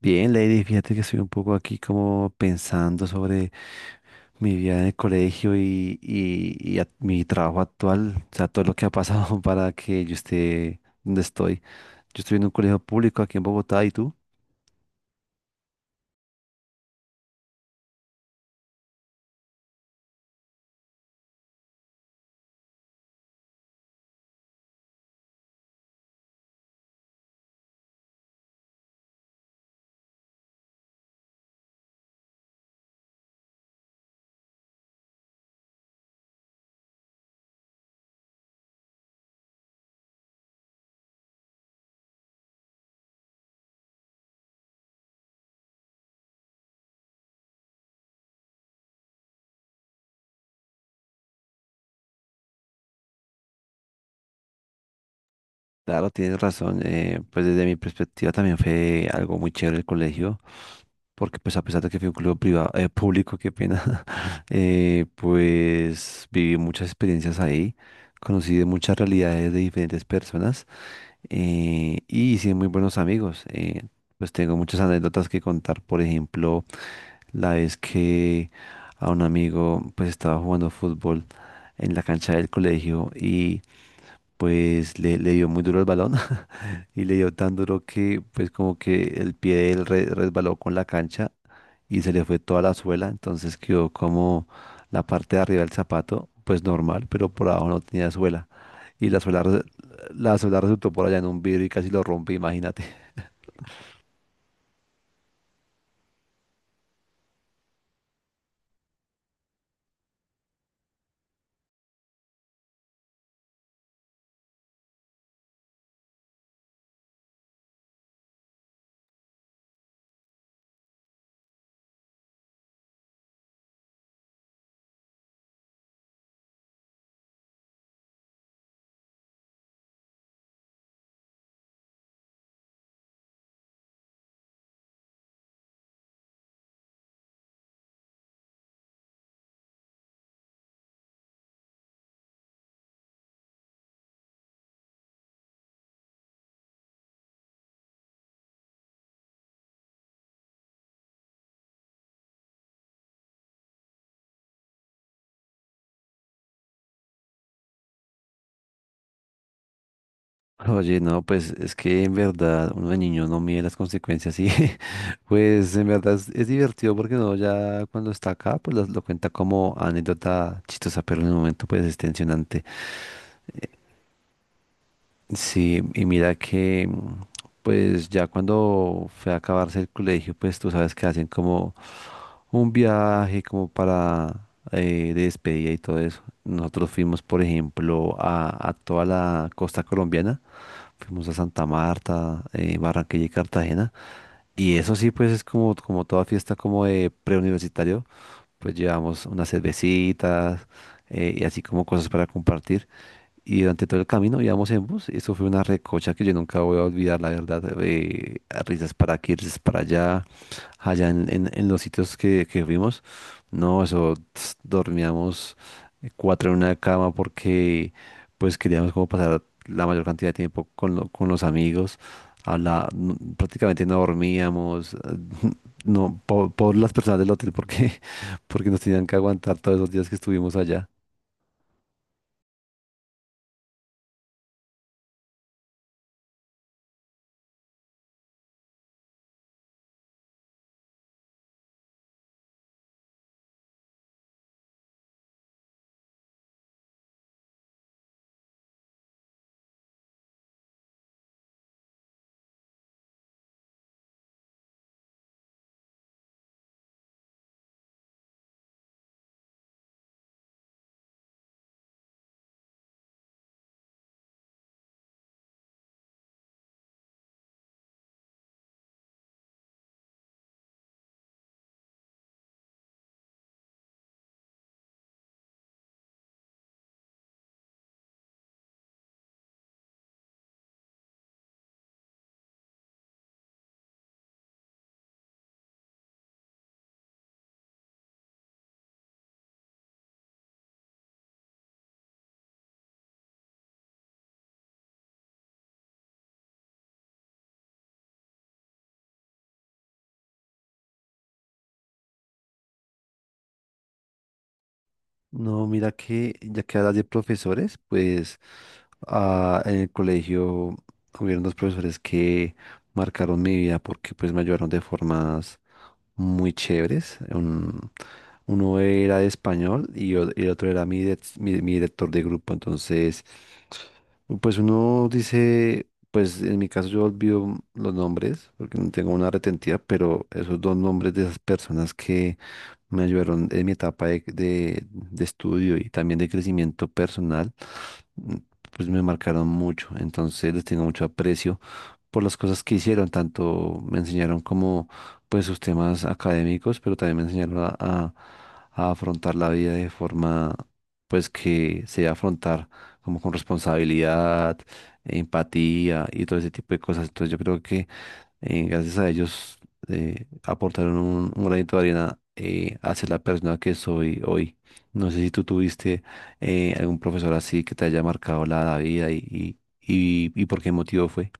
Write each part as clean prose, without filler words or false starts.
Bien, Lady, fíjate que estoy un poco aquí como pensando sobre mi vida en el colegio y mi trabajo actual, o sea, todo lo que ha pasado para que yo esté donde estoy. Yo estoy en un colegio público aquí en Bogotá y tú, claro, tienes razón, pues desde mi perspectiva también fue algo muy chévere el colegio, porque pues a pesar de que fui un colegio privado, público, qué pena, pues viví muchas experiencias ahí, conocí de muchas realidades de diferentes personas. Y hice muy buenos amigos. Pues tengo muchas anécdotas que contar. Por ejemplo, la vez que a un amigo pues estaba jugando fútbol en la cancha del colegio y pues le dio muy duro el balón y le dio tan duro que pues como que el pie de él resbaló con la cancha y se le fue toda la suela, entonces quedó como la parte de arriba del zapato, pues normal, pero por abajo no tenía suela. Y la suela, la suela resultó por allá en un vidrio y casi lo rompe, imagínate. Oye, no, pues es que en verdad uno de niño no mide las consecuencias y pues en verdad es divertido porque uno ya cuando está acá pues cuenta como anécdota chistosa, pero en el momento pues es tensionante. Sí, y mira que, pues ya cuando fue a acabarse el colegio, pues tú sabes que hacen como un viaje como para de despedida y todo eso. Nosotros fuimos, por ejemplo, a toda la costa colombiana, fuimos a Santa Marta, Barranquilla y Cartagena. Y eso sí, pues es como, como toda fiesta como de preuniversitario, pues llevamos unas cervecitas y así como cosas para compartir. Y durante todo el camino íbamos en bus. Eso fue una recocha que yo nunca voy a olvidar, la verdad. Risas para aquí, risas para allá, allá en los sitios que fuimos. No, eso ts, dormíamos cuatro en una cama porque pues queríamos como pasar la mayor cantidad de tiempo con los amigos. Prácticamente no dormíamos, no, por las personas del hotel porque, porque nos tenían que aguantar todos esos días que estuvimos allá. No, mira que ya que hablas de profesores, pues en el colegio hubieron dos profesores que marcaron mi vida porque pues me ayudaron de formas muy chéveres. Uno era de español y el otro era mi director de grupo. Entonces pues uno dice, pues en mi caso yo olvido los nombres porque no tengo una retentiva, pero esos dos nombres de esas personas que me ayudaron en mi etapa de estudio y también de crecimiento personal, mm, pues me marcaron mucho. Entonces les tengo mucho aprecio por las cosas que hicieron, tanto me enseñaron como pues sus temas académicos, pero también me enseñaron a afrontar la vida de forma pues que se debe afrontar como con responsabilidad, empatía y todo ese tipo de cosas. Entonces yo creo que gracias a ellos aportaron un granito de arena hacia la persona que soy hoy. No sé si tú tuviste algún profesor así que te haya marcado la vida y por qué motivo fue.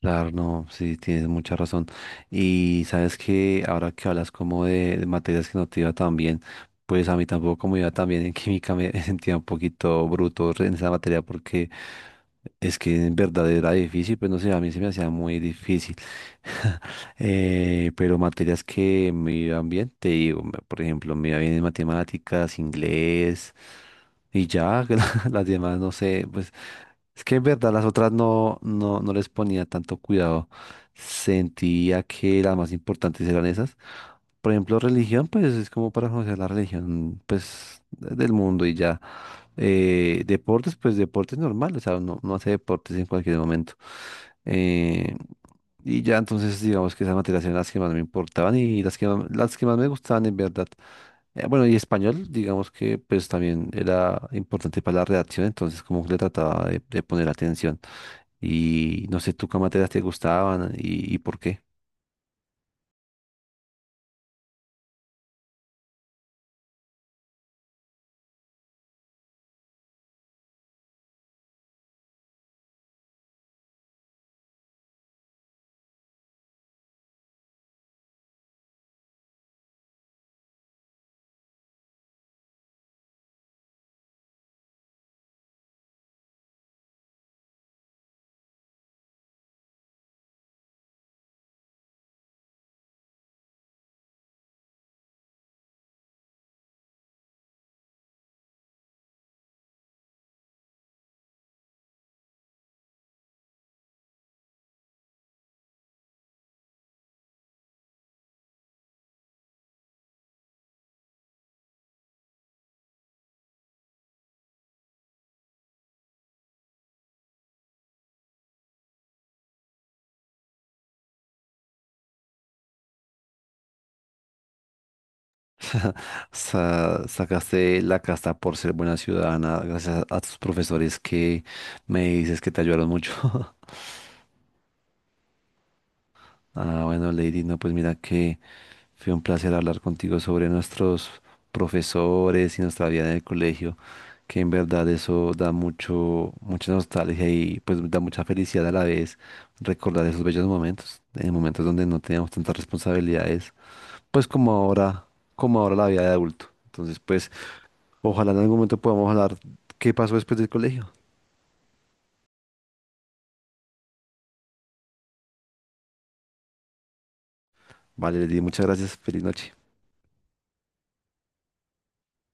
Claro, no, sí, tienes mucha razón. Y sabes que ahora que hablas como de materias que no te iba tan bien, pues a mí tampoco como iba tan bien en química me sentía un poquito bruto en esa materia porque es que en verdad era difícil, pues no sé, a mí se me hacía muy difícil. Pero materias que me iban bien, te digo, por ejemplo, me iba bien en matemáticas, inglés y ya, las demás no sé, pues es que en verdad las otras no les ponía tanto cuidado. Sentía que las más importantes eran esas. Por ejemplo, religión, pues es como para conocer la religión, pues del mundo y ya. Deportes, pues deportes normal, o sea, uno hace deportes en cualquier momento. Eh, y ya entonces digamos que esas materias eran las que más me importaban y las que más me gustaban en verdad. Bueno, y español, digamos que pues también era importante para la redacción, entonces como que le trataba de poner atención. Y no sé tú qué materias te gustaban y por qué. Sacaste la casta por ser buena ciudadana gracias a tus profesores que me dices que te ayudaron mucho. Ah, bueno, Lady, no, pues mira que... Fue un placer hablar contigo sobre nuestros profesores y nuestra vida en el colegio, que en verdad eso da mucho, mucha nostalgia y pues da mucha felicidad a la vez recordar esos bellos momentos, en momentos donde no teníamos tantas responsabilidades, pues como ahora la vida de adulto. Entonces, pues ojalá en algún momento podamos hablar qué pasó después del colegio. Vale, Lady, muchas gracias. Feliz noche.